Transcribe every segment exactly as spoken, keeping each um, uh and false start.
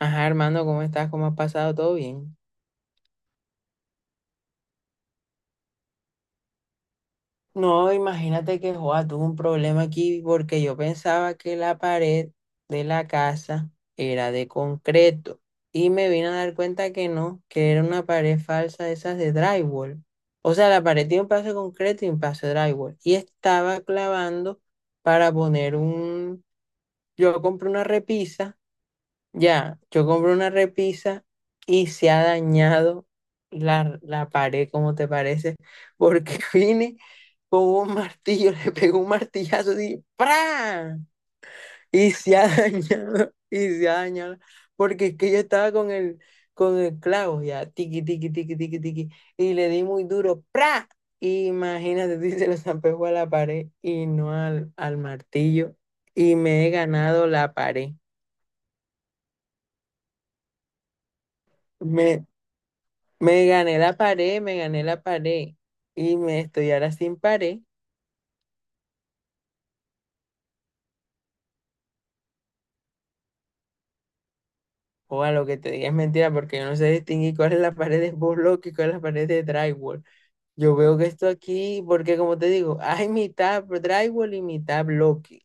Ajá, Armando, ¿cómo estás? ¿Cómo has pasado? ¿Todo bien? No, imagínate que Joa tuvo un problema aquí porque yo pensaba que la pared de la casa era de concreto y me vine a dar cuenta que no, que era una pared falsa de esas de drywall. O sea, la pared tiene un paso de concreto y un paso de drywall y estaba clavando para poner un... Yo compré una repisa. Ya, yo compré una repisa y se ha dañado la, la pared, ¿cómo te parece? Porque vine con un martillo, le pegó un martillazo así, ¡pra! Y se ha dañado, y se ha dañado, porque es que yo estaba con el, con el clavo ya, tiqui, tiqui, tiqui, tiqui, tiqui, y le di muy duro, ¡pra! Imagínate, si se lo zampejó a la pared y no al, al martillo, y me he ganado la pared. Me, Me gané la pared, me gané la pared. Y me estoy ahora sin pared. O a lo que te diga es mentira, porque yo no sé distinguir cuál es la pared de burlock y cuál es la pared de drywall. Yo veo que esto aquí, porque como te digo, hay mitad drywall y mitad bloque.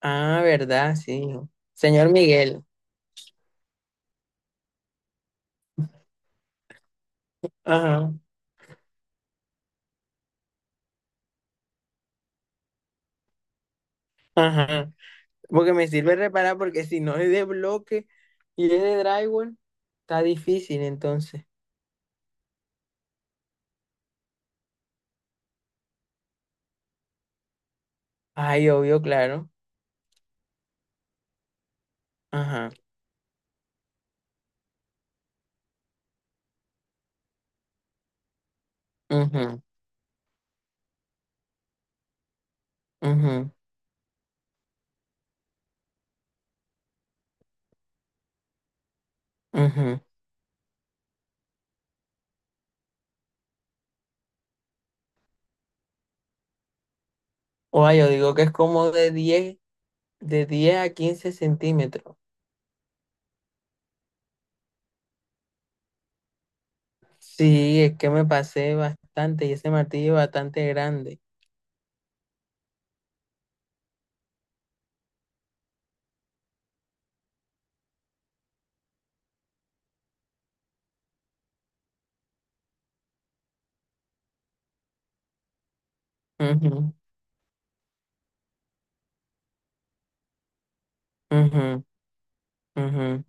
Ah, ¿verdad? Sí. Señor Miguel. Ajá, ajá. Porque me sirve reparar, porque si no es de bloque y es de drywall, está difícil entonces. Ay, obvio, claro. Ajá. Mhm. Mhm. Mhm. O yo digo que es como de diez, de diez a quince centímetros. Sí, es que me pasé bastante y ese martillo es bastante grande. Ujú, ujú, ujú.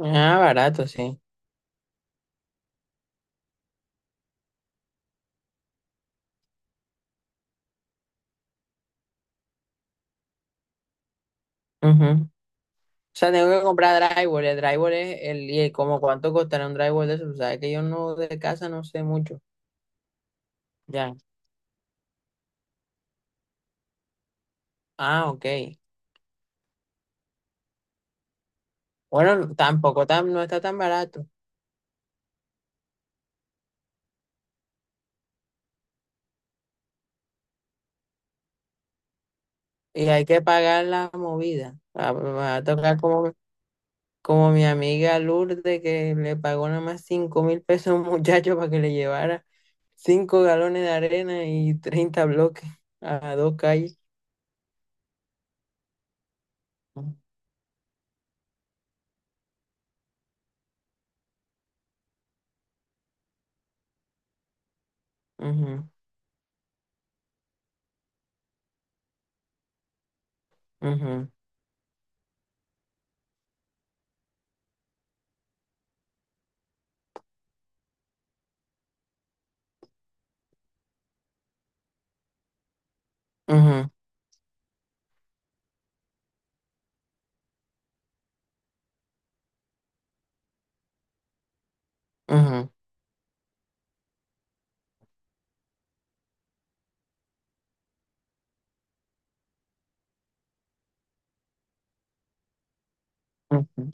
Ah, barato, sí. Ujú. O sea, tengo que comprar drywall. El drywall es el... ¿Y como cuánto costará un drywall de eso? Tú sabes que yo no de casa no sé mucho. Ya. Ah, ok. Bueno, tampoco tan, no está tan barato. Y hay que pagar la movida. Va, va a tocar como como mi amiga Lourdes que le pagó nada más cinco mil pesos a un muchacho para que le llevara cinco galones de arena y treinta bloques a dos calles. Ujú, ujú, ujú, ujú, ujú.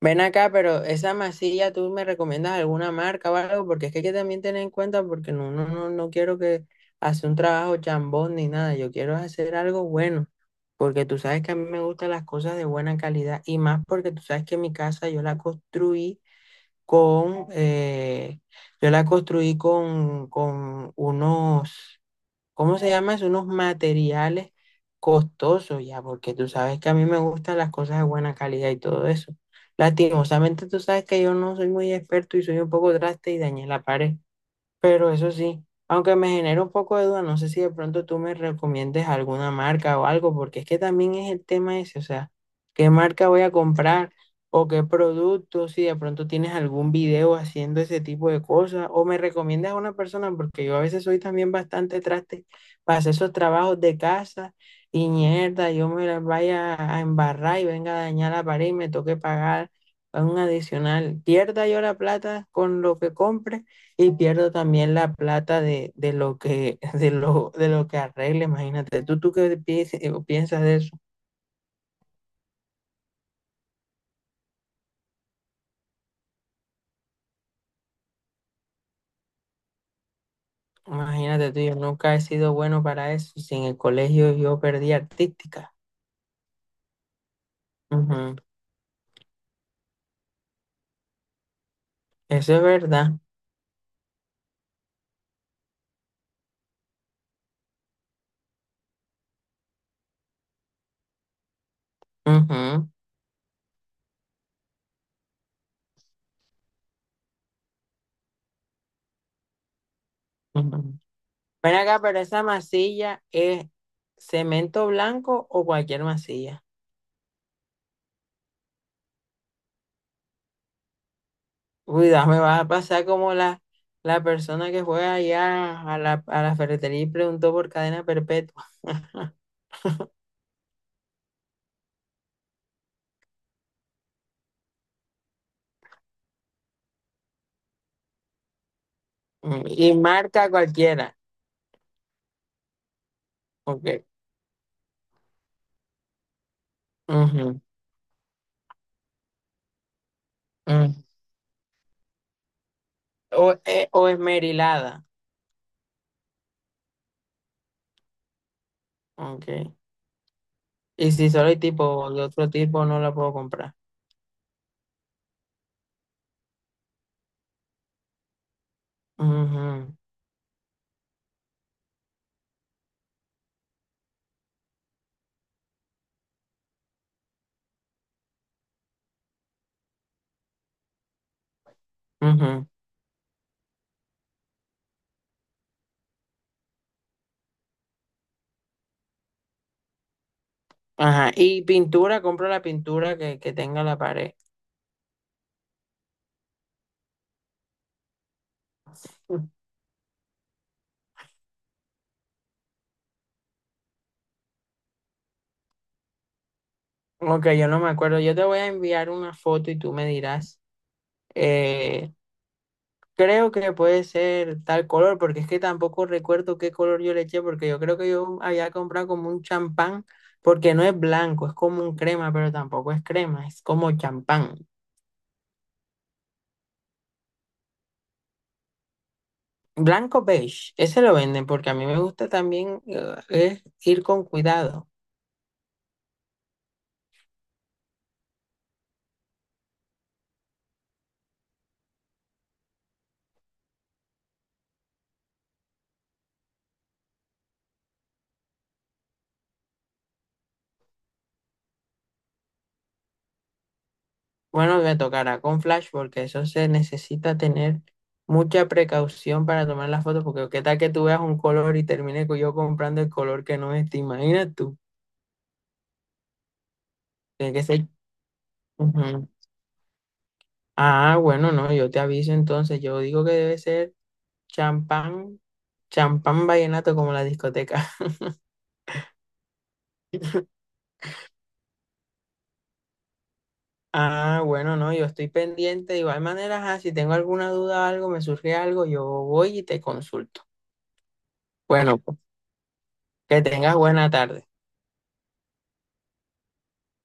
Ven acá, pero esa masilla, ¿tú me recomiendas alguna marca o algo? Porque es que hay que también tener en cuenta, porque no, no, no, no quiero que hacer un trabajo chambón ni nada, yo quiero hacer algo bueno. Porque tú sabes que a mí me gustan las cosas de buena calidad y más porque tú sabes que mi casa yo la construí con, eh, yo la construí con, con unos, ¿cómo se llama eso? Unos materiales costosos ya, porque tú sabes que a mí me gustan las cosas de buena calidad y todo eso. Lastimosamente tú sabes que yo no soy muy experto y soy un poco traste y dañé la pared. Pero eso sí, aunque me genera un poco de duda, no sé si de pronto tú me recomiendes alguna marca o algo, porque es que también es el tema ese, o sea, ¿qué marca voy a comprar o qué producto? Si de pronto tienes algún video haciendo ese tipo de cosas o me recomiendas a una persona, porque yo a veces soy también bastante traste para hacer esos trabajos de casa y mierda, yo me las vaya a embarrar y venga a dañar la pared y me toque pagar un adicional. Pierda yo la plata con lo que compre y pierdo también la plata de, de lo que, de lo, de lo que arregle, imagínate. ¿Tú, tú qué piensas, piensas de eso? Imagínate tú, yo nunca he sido bueno para eso. Si en el colegio yo perdí artística. Ujú. Eso es verdad. Ujú, ujú. Ven acá, pero esa masilla es cemento blanco o cualquier masilla. Cuidado, me vas a pasar como la, la persona que fue allá a la, a la ferretería y preguntó por cadena perpetua. Mm. Y marca cualquiera. Ok. Ujú. Mm. O, eh, o esmerilada. Ok. Y si solo hay tipo de otro tipo, no la puedo comprar. Ujú, ujú. Ajá. Y pintura, compro la pintura que, que tenga la pared. Mm. Ok, yo no me acuerdo. Yo te voy a enviar una foto y tú me dirás. eh, Creo que puede ser tal color, porque es que tampoco recuerdo qué color yo le eché, porque yo creo que yo había comprado como un champán, porque no es blanco, es como un crema, pero tampoco es crema, es como champán. Blanco beige, ese lo venden porque a mí me gusta también eh, es ir con cuidado. Bueno, me tocará con flash porque eso se necesita tener mucha precaución para tomar las fotos porque qué tal que tú veas un color y termine co- yo comprando el color que no es, te imaginas tú. Tiene que ser... Ujú. Ah, bueno, no, yo te aviso entonces, yo digo que debe ser champán, champán vallenato como la discoteca. Ah, bueno, no, yo estoy pendiente. De igual manera, ajá, si tengo alguna duda, algo, me surge algo, yo voy y te consulto. Bueno, pues, que tengas buena tarde.